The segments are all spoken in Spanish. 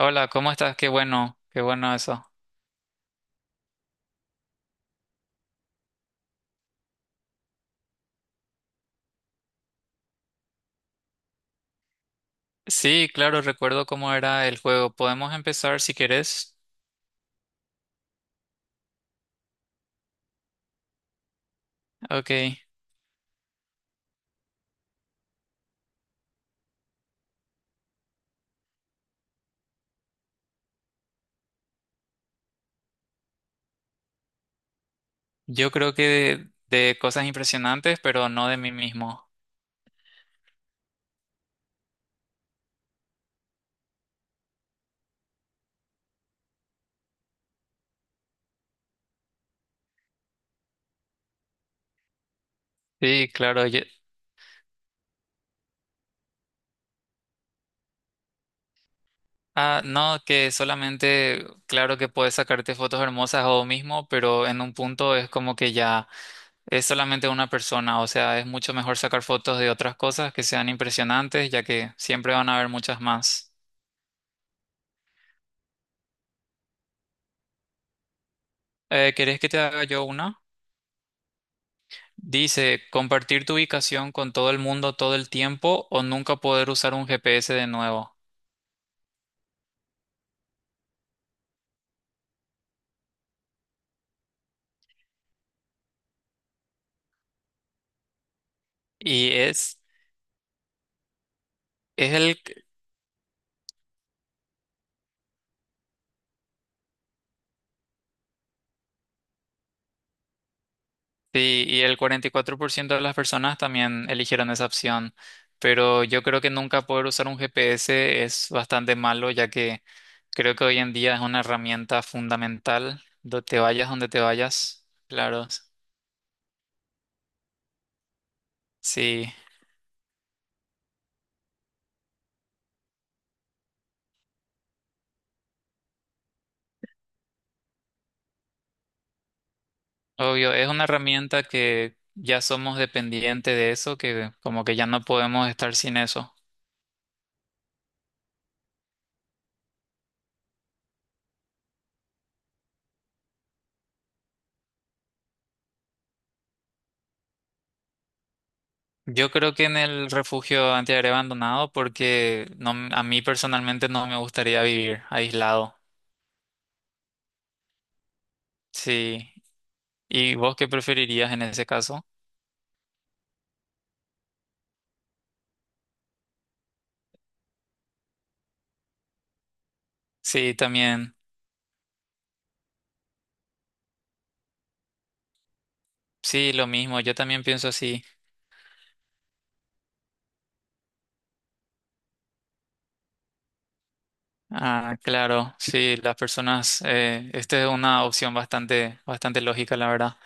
Hola, ¿cómo estás? Qué bueno eso. Sí, claro, recuerdo cómo era el juego. Podemos empezar si querés. Ok, yo creo que de cosas impresionantes, pero no de mí mismo. Sí, claro. Ah, no, que solamente, claro que puedes sacarte fotos hermosas o mismo, pero en un punto es como que ya es solamente una persona. O sea, es mucho mejor sacar fotos de otras cosas que sean impresionantes, ya que siempre van a haber muchas más. ¿Querés que te haga yo una? Dice, compartir tu ubicación con todo el mundo todo el tiempo o nunca poder usar un GPS de nuevo. Y es, es el, sí, y el 44% de las personas también eligieron esa opción. Pero yo creo que nunca poder usar un GPS es bastante malo, ya que creo que hoy en día es una herramienta fundamental, donde te vayas, donde te vayas. Claro, sí, obvio, es una herramienta que ya somos dependientes de eso, que como que ya no podemos estar sin eso. Yo creo que en el refugio antiaéreo abandonado porque no, a mí personalmente no me gustaría vivir aislado. Sí. ¿Y vos qué preferirías en ese caso? Sí, también. Sí, lo mismo. Yo también pienso así. Ah, claro. Sí, las personas. Esta es una opción bastante, bastante lógica, la verdad.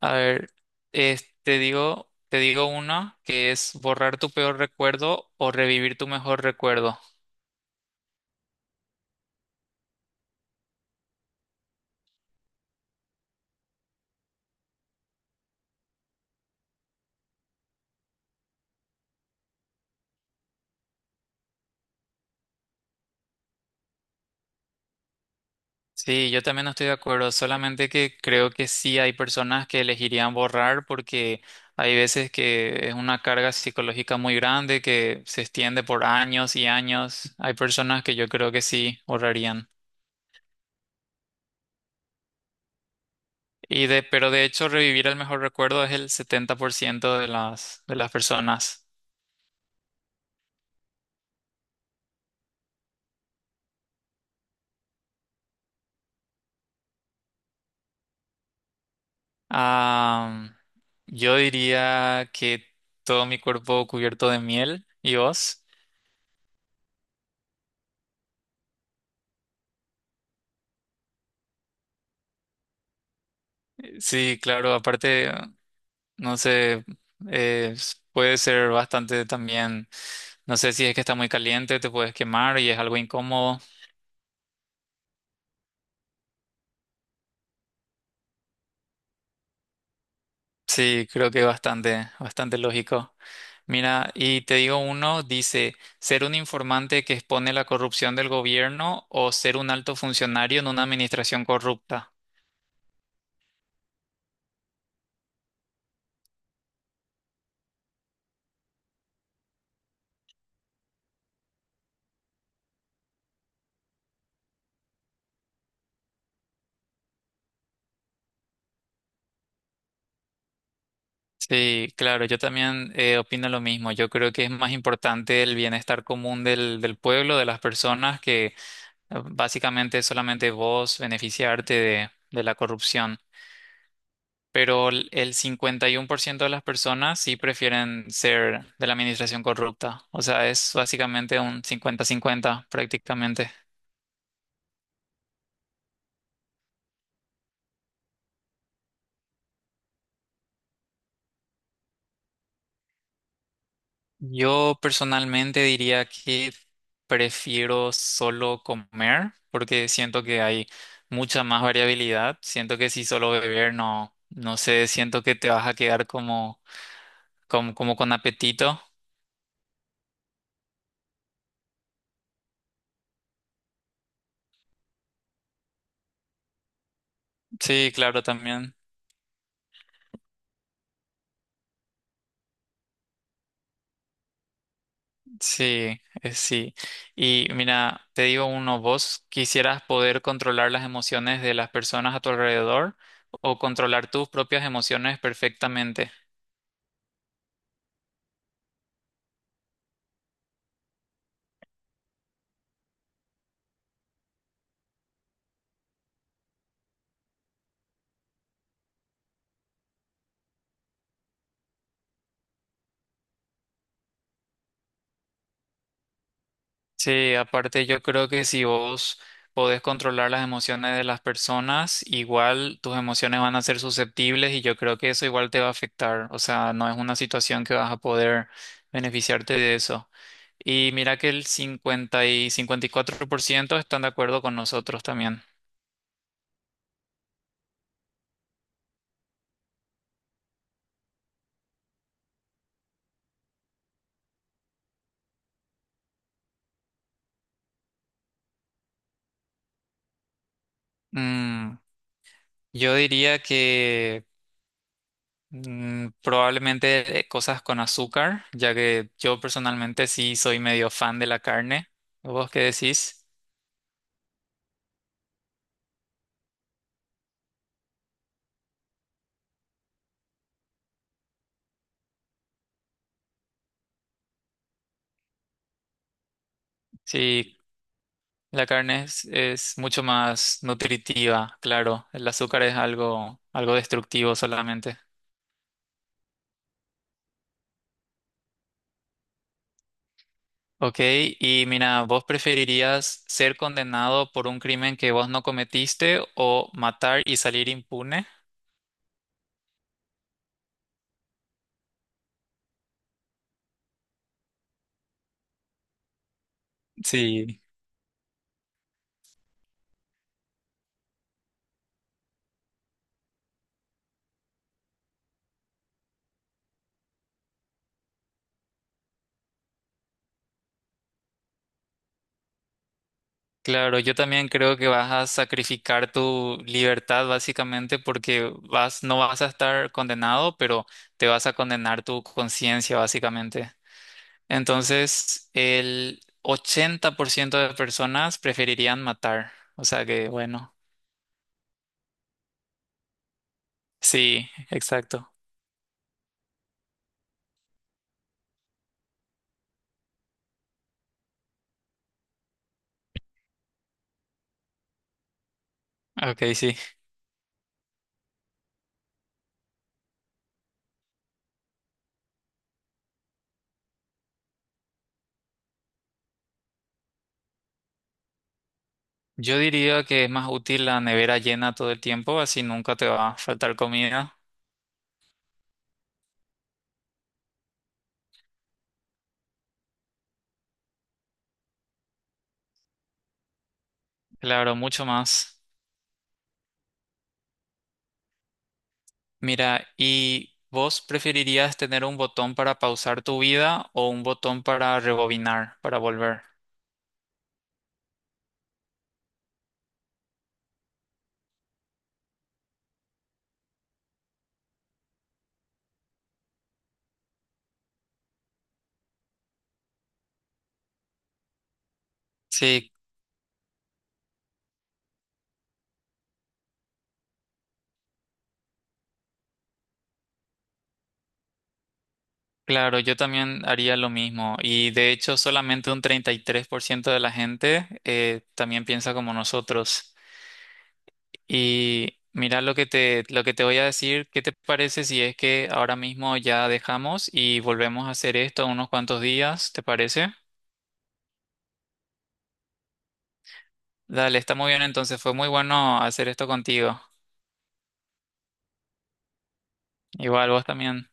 A ver, te digo una que es borrar tu peor recuerdo o revivir tu mejor recuerdo. Sí, yo también estoy de acuerdo, solamente que creo que sí hay personas que elegirían borrar porque hay veces que es una carga psicológica muy grande que se extiende por años y años. Hay personas que yo creo que sí borrarían. De hecho revivir el mejor recuerdo es el 70% de las personas. Ah, yo diría que todo mi cuerpo cubierto de miel. ¿Y vos? Sí, claro, aparte. No sé, eh, puede ser bastante también, no sé si es que está muy caliente, te puedes quemar y es algo incómodo. Sí, creo que bastante, bastante lógico. Mira, y te digo uno, dice, ser un informante que expone la corrupción del gobierno o ser un alto funcionario en una administración corrupta. Sí, claro, yo también opino lo mismo. Yo creo que es más importante el bienestar común del pueblo, de las personas. Ah, básicamente solamente vos beneficiarte de la corrupción, pero el 51% de las personas sí prefieren ser de la administración corrupta. O sea, es básicamente un cincuenta-cincuenta prácticamente. Yo personalmente diría que prefiero solo comer porque siento que hay mucha más variabilidad. Siento que si solo beber no, no sé, siento que te vas a quedar como, como, como con apetito. Sí, claro, también. Sí, sí. Y mira, te digo uno, ¿vos quisieras poder controlar las emociones de las personas a tu alrededor o controlar tus propias emociones perfectamente? Sí, aparte yo creo que si vos podés controlar las emociones de las personas, igual tus emociones van a ser susceptibles y yo creo que eso igual te va a afectar. O sea, no es una situación que vas a poder beneficiarte de eso. Y mira que el 54% están de acuerdo con nosotros también. Mm, yo diría que probablemente cosas con azúcar, ya que yo personalmente sí soy medio fan de la carne. ¿Vos qué decís? Sí, la carne es mucho más nutritiva, claro. El azúcar es algo, algo destructivo solamente. Ok, y mira, ¿vos preferirías ser condenado por un crimen que vos no cometiste o matar y salir impune? Sí. Claro, yo también creo que vas a sacrificar tu libertad básicamente porque vas, no vas a estar condenado, pero te vas a condenar tu conciencia básicamente. Entonces, el 80% de personas preferirían matar. O sea que, bueno, sí, exacto. Ok, sí. Yo diría que es más útil la nevera llena todo el tiempo, así nunca te va a faltar comida. Claro, mucho más. Mira, ¿y vos preferirías tener un botón para pausar tu vida o un botón para rebobinar, para volver? Sí, claro, yo también haría lo mismo. Y de hecho, solamente un 33% de la gente también piensa como nosotros. Y mira lo que te voy a decir, ¿qué te parece si es que ahora mismo ya dejamos y volvemos a hacer esto unos cuantos días? ¿Te parece? Dale, está muy bien, entonces fue muy bueno hacer esto contigo. Igual vos también.